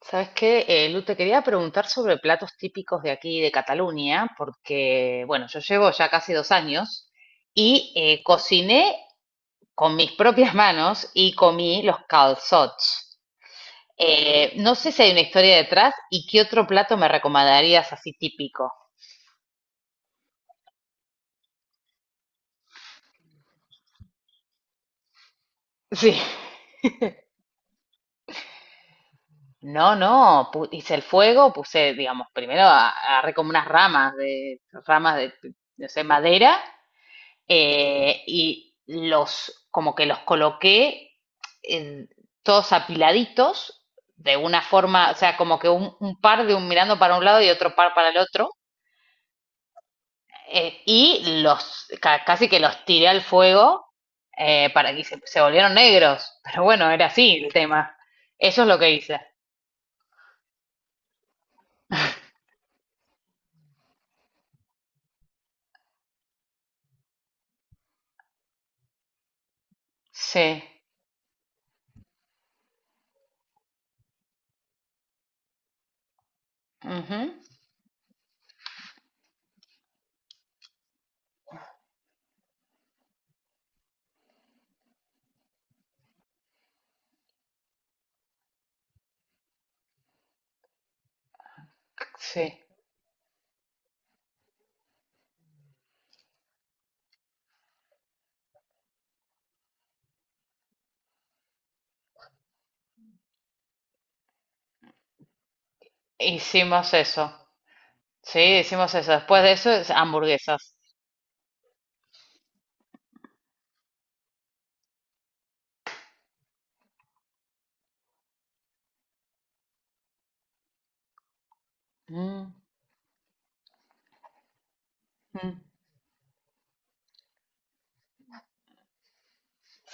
Sabes qué, Lu, te quería preguntar sobre platos típicos de aquí, de Cataluña, porque, bueno, yo llevo ya casi 2 años y cociné con mis propias manos y comí los calçots. No sé si hay una historia detrás y qué otro plato me recomendarías así típico. Sí. No, no, hice el fuego, puse, digamos, primero agarré como unas ramas de, no sé, madera y los, como que los coloqué en, todos apiladitos, de una forma, o sea, como que un par de un mirando para un lado y otro par para el otro, y los ca casi que los tiré al fuego para que se volvieron negros. Pero bueno, era así el tema. Eso es lo que hice. Sí. Uh -huh. Sí. Hicimos eso. Sí, hicimos eso. Después de eso, es hamburguesas. Mm. Mm.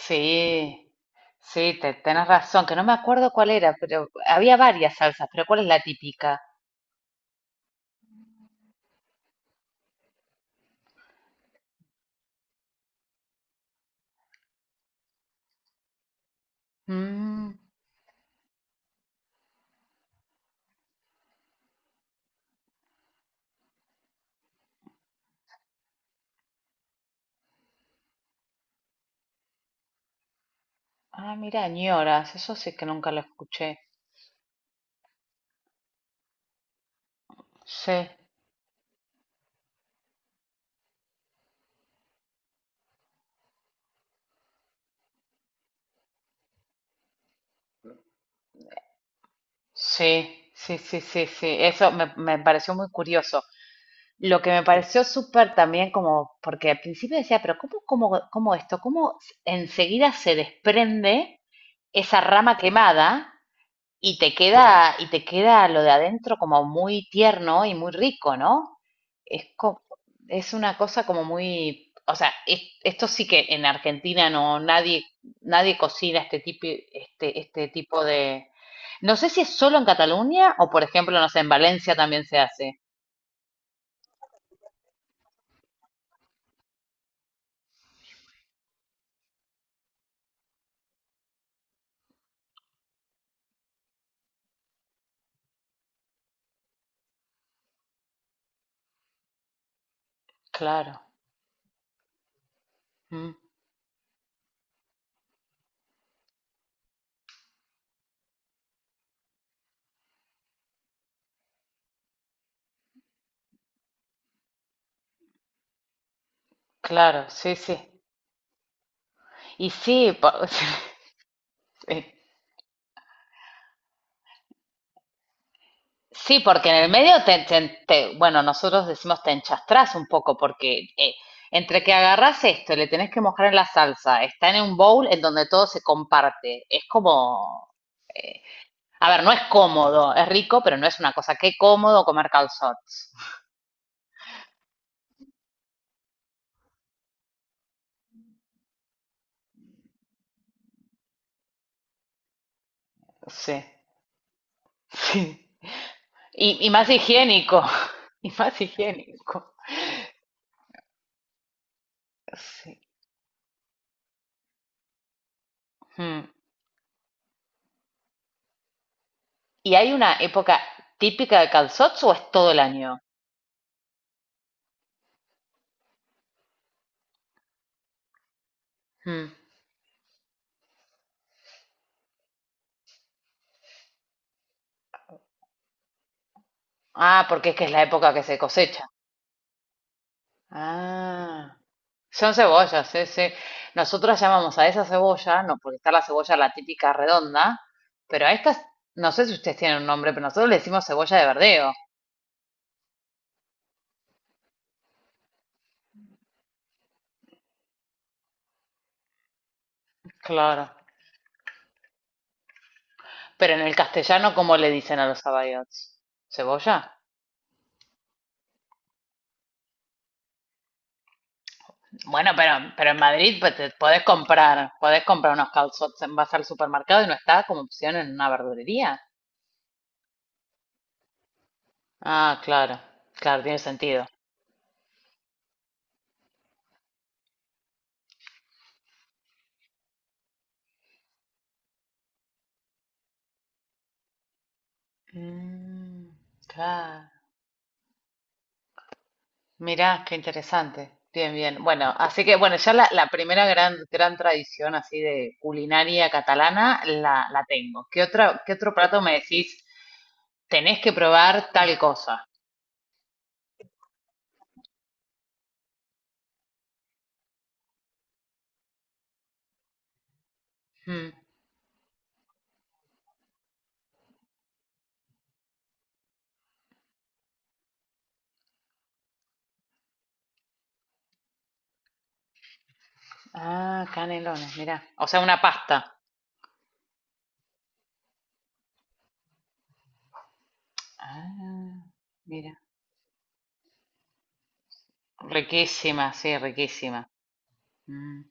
Sí, sí, tenés razón, que no me acuerdo cuál era, pero había varias salsas, pero ¿cuál es la típica? Mm. Ah, mira, ñoras, eso sí que nunca lo escuché. Sí, sí, sí, sí, sí, sí, eso me pareció muy curioso. Lo que me pareció súper también como, porque al principio decía, pero ¿cómo esto? ¿Cómo enseguida se desprende esa rama quemada? Y te queda lo de adentro como muy tierno y muy rico, ¿no? Es, co- es una cosa como muy, o sea, esto sí que en Argentina no, nadie cocina este tipo de. No sé si es solo en Cataluña o, por ejemplo, no sé, en Valencia también se hace. Claro, mm, claro, sí, sí. Y sí, Sí, porque en el medio bueno, nosotros decimos te enchastrás un poco, porque entre que agarrás esto, y le tenés que mojar en la salsa, está en un bowl en donde todo se comparte. Es como, a ver, no es cómodo, es rico, pero no es una cosa. Qué cómodo comer calzots. Sí, sí. Y más higiénico, y más higiénico. Sí. Mm. ¿Y hay una época típica de calzots o es todo el año? Mm. Ah, porque es que es la época que se cosecha. Ah, son cebollas, sí, sí. Nosotros llamamos a esa cebolla, no, porque está la cebolla la típica redonda, pero a estas, no sé si ustedes tienen un nombre, pero nosotros le decimos cebolla de verdeo. Claro. Pero en el castellano, ¿cómo le dicen a los abayots? ¿Cebolla? Bueno, pero, en Madrid pues, podés comprar unos calzots, vas al supermercado y no está como opción en una verdulería. Ah, claro, claro, tiene sentido. Mm, claro. Mirá, qué interesante. Bien, bien. Bueno, así que bueno, ya la primera gran, gran tradición así de culinaria catalana la tengo. ¿Qué otro plato me decís? Tenés que probar tal cosa. Mm. Ah, canelones, mirá. O sea, una pasta. Ah, mira. Riquísima, sí, riquísima. Mm.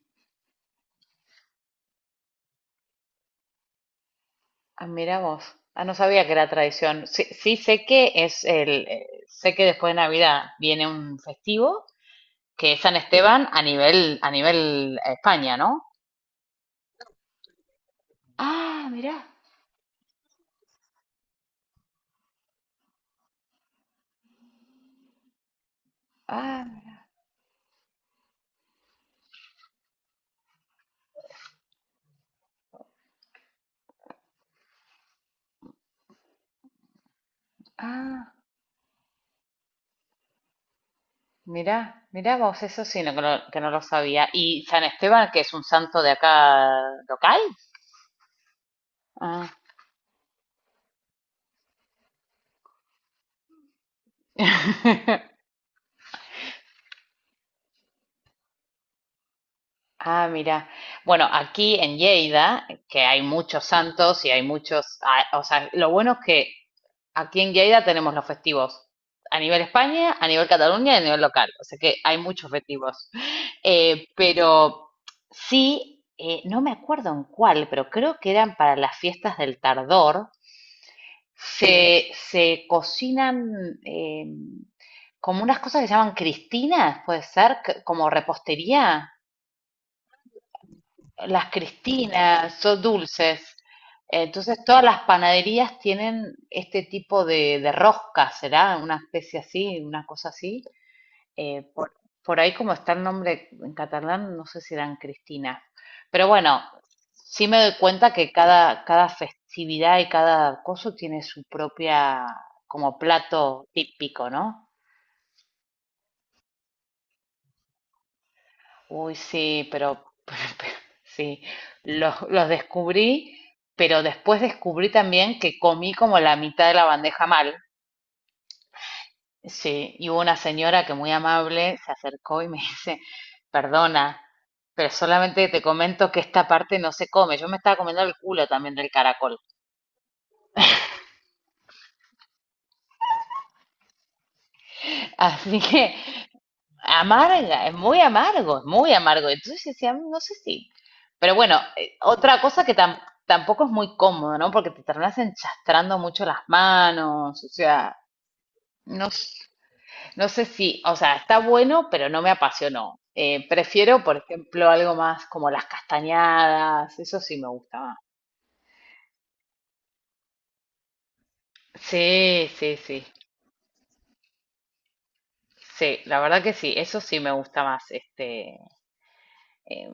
Ah, mira vos. Ah, no sabía que era tradición. Sí, sí sé que sé que después de Navidad viene un festivo que es San Esteban a nivel España, ¿no? Ah, mirá, ah, ah, mirá, mirá vos, eso sí, no, que, no, que no lo sabía. ¿Y San Esteban, que es un santo de acá local? Ah, ah, mirá. Bueno, aquí en Lleida, que hay muchos santos y hay muchos, ah, o sea, lo bueno es que aquí en Lleida tenemos los festivos a nivel España, a nivel Cataluña y a nivel local. O sea que hay muchos festivos. Pero sí, no me acuerdo en cuál, pero creo que eran para las fiestas del Tardor. Se cocinan como unas cosas que se llaman cristinas, puede ser, como repostería. Las Cristinas, son dulces. Entonces todas las panaderías tienen este tipo de rosca, será una especie así, una cosa así. Eh, por, por ahí como está el nombre en catalán, no sé si eran cristinas. Pero bueno, sí me doy cuenta que cada festividad y cada coso tiene su propia como plato típico, ¿no? Uy, sí, pero sí, los descubrí, pero después descubrí también que comí como la mitad de la bandeja mal. Sí, y hubo una señora que muy amable se acercó y me dice, perdona, pero solamente te comento que esta parte no se come. Yo me estaba comiendo el culo también del caracol. Así que amarga, es muy amargo, es muy amargo. Entonces yo decía, "Mm, no sé si." Pero bueno, otra cosa que tampoco es muy cómodo, ¿no? Porque te terminas enchastrando mucho las manos, o sea, no, no sé si, o sea, está bueno, pero no me apasionó. Prefiero, por ejemplo, algo más como las castañadas, eso sí me gusta más. Sí, sí, sí, sí, la verdad que sí, eso sí me gusta más, eh,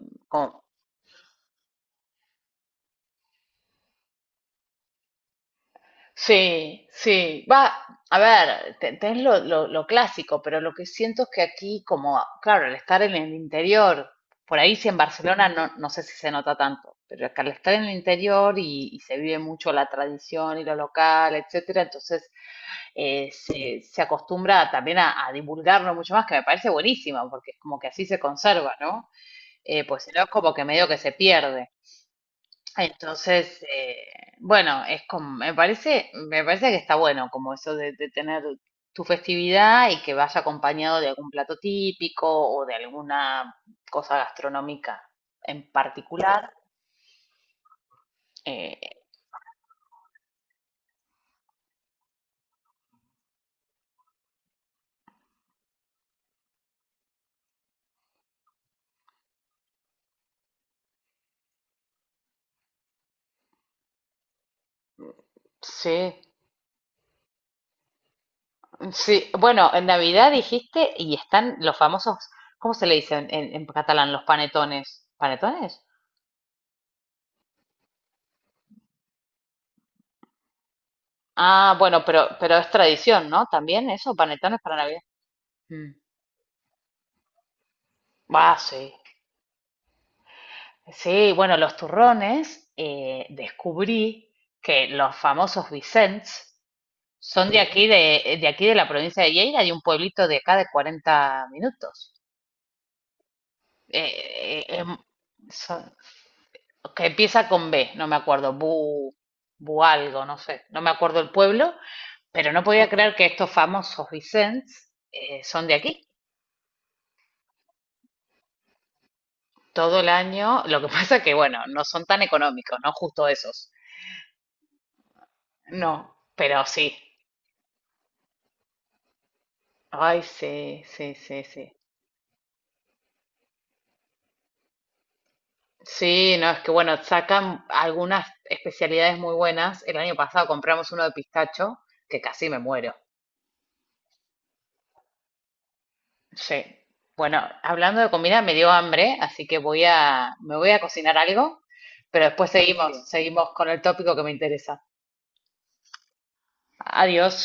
Sí, sí. Va, a ver, tenés lo clásico, pero lo que siento es que aquí, como, claro, al estar en el interior, por ahí sí en Barcelona no, no sé si se nota tanto, pero acá al estar en el interior y se vive mucho la tradición y lo local, etcétera, entonces se acostumbra también a divulgarlo mucho más, que me parece buenísimo, porque es como que así se conserva, ¿no? Pues si no es como que medio que se pierde. Entonces, bueno, es como, me parece que está bueno como eso de tener tu festividad y que vaya acompañado de algún plato típico o de alguna cosa gastronómica en particular. Eh, sí, sí. Bueno, en Navidad dijiste y están los famosos, ¿cómo se le dice en catalán? Los panetones. ¿Panetones? Ah, bueno, pero es tradición, ¿no? También eso, panetones para Navidad. Mm. Ah, sí. Sí, bueno, los turrones, descubrí que los famosos Vicents son de aquí de aquí de la provincia de Lleida, de un pueblito de acá de 40 minutos. Eh, eh, em, son- que empieza con B, no me acuerdo, Bu, Bu algo, no sé, no me acuerdo el pueblo, pero no podía creer que estos famosos Vicents son de aquí. Todo el año, lo que pasa que, bueno, no son tan económicos, no justo esos. No, pero sí. Ay, sí, sí, sí, sí. Sí, no, es que bueno, sacan algunas especialidades muy buenas. El año pasado compramos uno de pistacho, que casi me muero. Sí. Bueno, hablando de comida, me dio hambre, así que me voy a cocinar algo, pero después seguimos. Buenísimo. Seguimos con el tópico que me interesa. Adiós.